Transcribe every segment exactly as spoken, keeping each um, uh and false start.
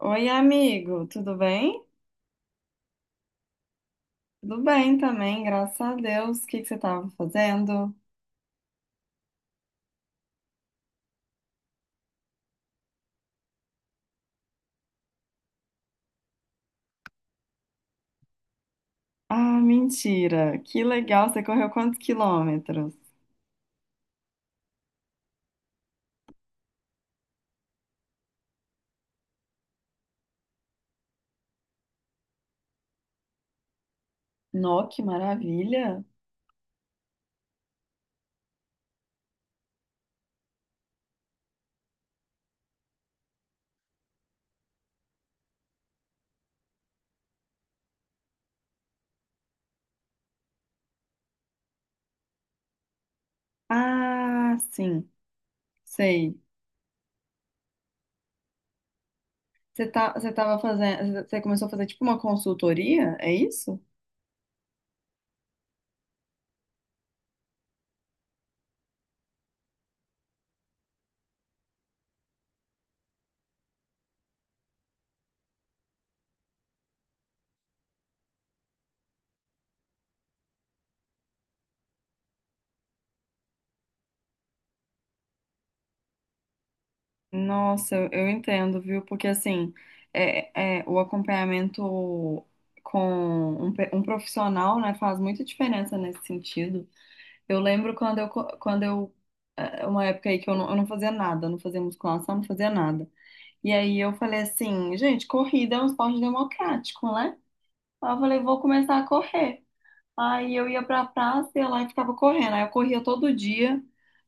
Oi, amigo, tudo bem? Tudo bem também, graças a Deus. O que que você estava fazendo? Ah, mentira! Que legal! Você correu quantos quilômetros? Nó, que maravilha! Ah, sim, sei. Você tá, você tava fazendo, você começou a fazer tipo uma consultoria, é isso? Nossa, eu eu entendo, viu? Porque assim, é, é, o acompanhamento com um, pe- um profissional, né, faz muita diferença nesse sentido. Eu lembro quando eu, co- quando eu, eh, uma época aí que eu não, eu não fazia nada, não fazia musculação, não fazia nada. E aí eu falei assim, gente, corrida é um esporte democrático, né? Aí eu falei, vou começar a correr. Aí eu ia pra praça, ia lá e ficava correndo. Aí eu corria todo dia,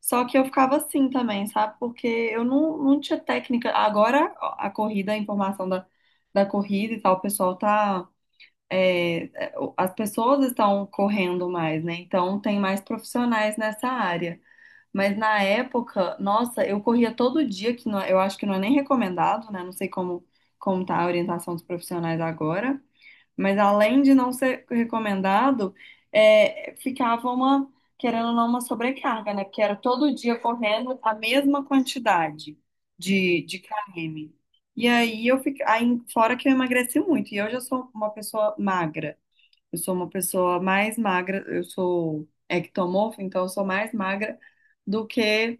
só que eu ficava assim também, sabe? Porque eu não, não tinha técnica. Agora ó, a corrida, a informação da, da corrida e tal, o pessoal tá. Eh, eh, as pessoas estão correndo mais, né? Então tem mais profissionais nessa área. Mas na época, nossa, eu corria todo dia, que não- é, eu acho que não é nem recomendado, né? Não sei como, como tá a orientação dos profissionais agora. Mas além de não ser recomendado, é, ficava uma, querendo ou não, uma sobrecarga, né? Porque era todo dia correndo a mesma quantidade de, de km. E aí eu fiquei, aí, fora que eu emagreci muito, e hoje eu sou uma pessoa magra. Eu sou uma pessoa mais magra, eu sou ectomorfa, então eu sou mais magra do que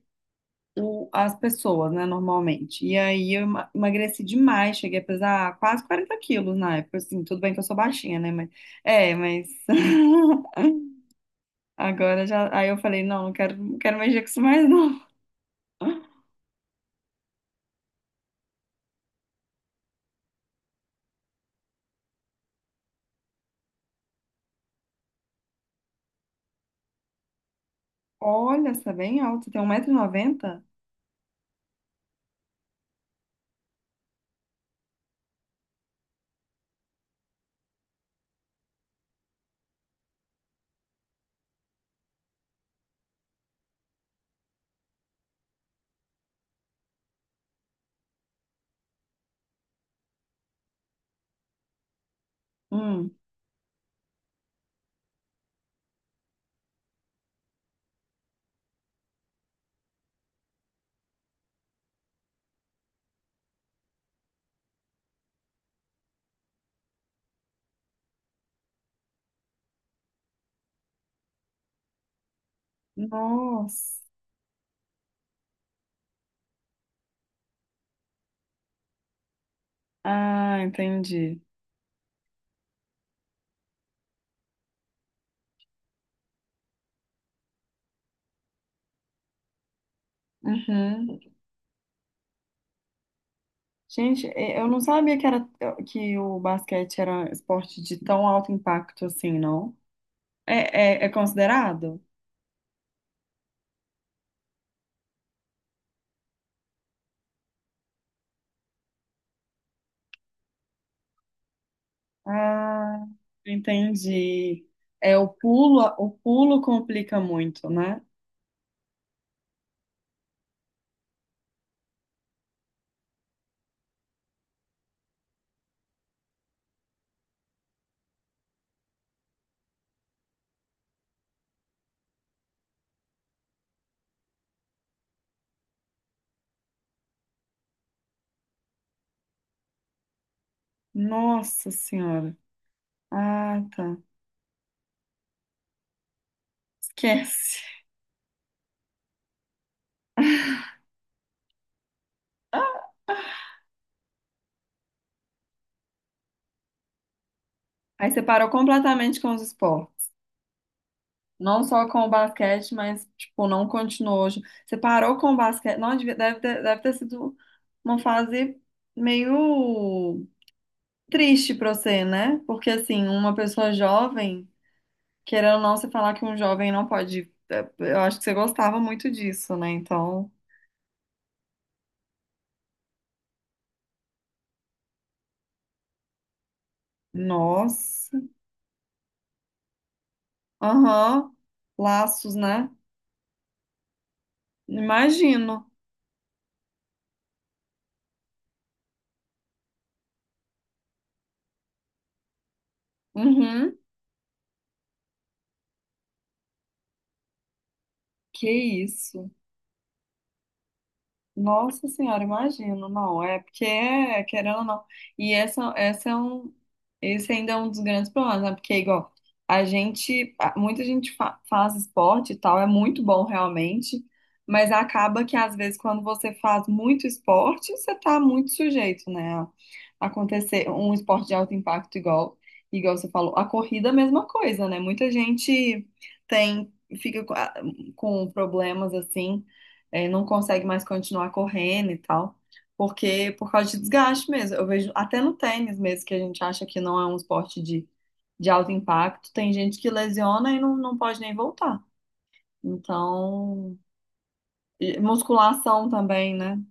o- as pessoas, né, normalmente. E aí eu ema- emagreci demais, cheguei a pesar quase quarenta quilos na época, assim, tudo bem que eu sou baixinha, né, mas... É, mas... Agora já... Aí eu falei, não, não quero, não quero mexer com isso mais, não. Olha, você é bem alto, tem um metro e noventa? Hum, nossa. Ah, entendi. Uhum. Gente, eh, eu não sabia que era que o basquete era um esporte de tão alto impacto assim, não? É, é, é considerado? Ah, entendi. É o pulo, o pulo complica muito, né? Nossa Senhora. Ah, tá. Esquece. Aí você parou completamente com os esportes. Não só com o basquete, mas, tipo, não continuou. Você parou com o basquete. Não, devia- deve ter, deve ter sido uma fase meio. Triste pra você, né? Porque assim, uma pessoa jovem, querendo ou não, você falar que um jovem não pode. é, Eu acho que você gostava muito disso, né? Então, nossa. Aham. Laços, né? Imagino. Uhum. Que isso. Nossa senhora, imagino, não, é porque é, querendo ou não, e essa, essa é um, esse ainda é um dos grandes problemas, né, porque igual, a gente, a- muita gente fa- faz esporte e tal, é muito bom realmente, mas acaba que às vezes quando você faz muito esporte, você tá muito sujeito, né, a acontecer um esporte de alto impacto igual, igual você falou, a corrida é a mesma coisa, né, muita gente tem, fica com com problemas assim, é, não consegue mais continuar correndo e tal, porque por causa de desgaste mesmo. Eu vejo até no tênis mesmo, que a gente acha que não é um esporte de, de alto impacto, tem gente que lesiona e não, não pode nem voltar. Então, e musculação também, né?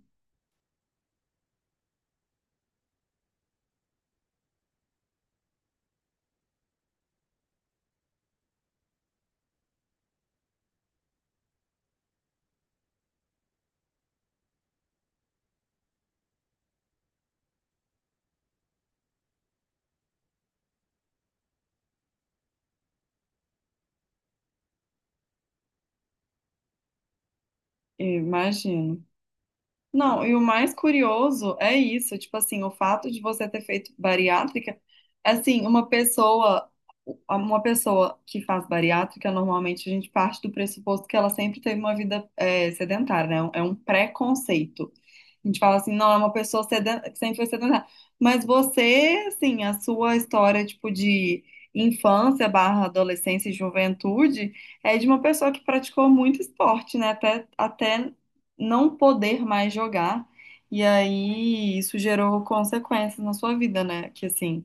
Imagino. Não, e o mais curioso é isso, tipo assim, o fato de você ter feito bariátrica, assim, uma pessoa, uma pessoa que faz bariátrica, normalmente a gente parte do pressuposto que ela sempre teve uma vida é, sedentária, né? É um preconceito. A gente fala assim, não, é uma pessoa seden- que sempre foi sedentária. Mas você, assim, a sua história, tipo, de infância barra adolescência e juventude, é de uma pessoa que praticou muito esporte, né? Até, até não poder mais jogar. E aí isso gerou consequências na sua vida, né? Que assim,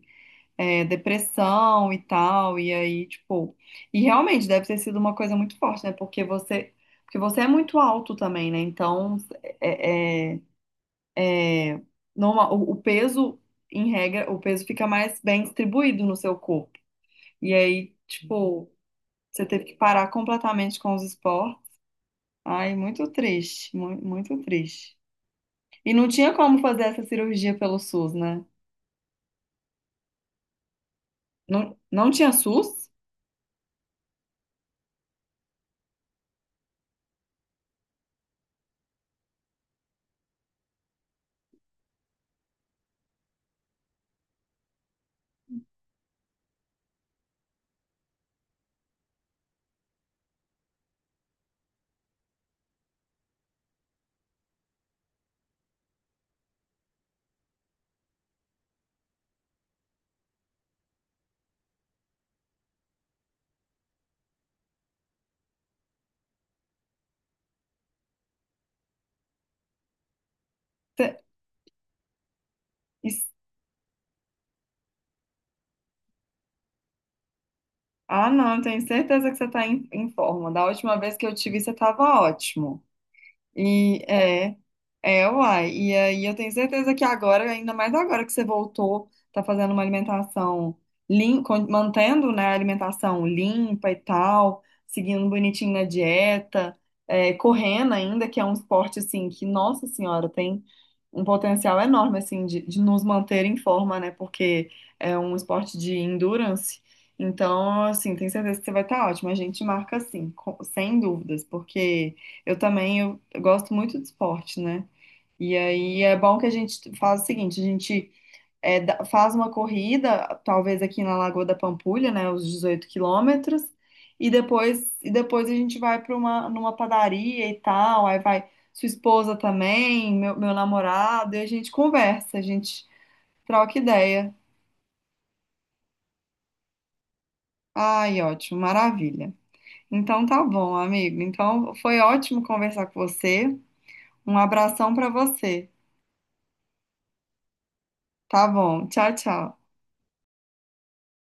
é, depressão e tal. E aí, tipo. E realmente deve ter sido uma coisa muito forte, né? Porque você. Porque você é muito alto também, né? Então, é, é, é, normal, o, o peso, em regra, o peso fica mais bem distribuído no seu corpo. E aí, tipo, você teve que parar completamente com os esportes. Ai, muito triste, mu- muito triste. E não tinha como fazer essa cirurgia pelo soos, né? Não, não tinha soos? Cê- is- Ah, não, eu tenho certeza que você está em, em forma. Da última vez que eu te vi, você estava ótimo. E é. É, uai. E aí eu tenho certeza que agora, ainda mais agora que você voltou, tá fazendo uma alimentação limpa, mantendo, né, a alimentação limpa e tal, seguindo bonitinho na dieta, é, correndo ainda, que é um esporte, assim, que, nossa senhora, tem um potencial enorme, assim, de, de nos manter em forma, né, porque é um esporte de endurance. Então, assim, tenho certeza que você vai estar ótimo. A gente marca, assim, com- sem dúvidas, porque eu também eu eu gosto muito de esporte, né? E aí é bom que a gente faz o seguinte, a gente é, dá- faz uma corrida, talvez aqui na Lagoa da Pampulha, né, os dezoito quilômetros, e depois, e depois a gente vai para uma numa padaria e tal, aí vai sua esposa também, meu, meu namorado, e a gente conversa, a gente troca ideia. Ai, ótimo, maravilha. Então tá bom, amigo. Então foi ótimo conversar com você. Um abração para você. Tá bom. Tchau, tchau.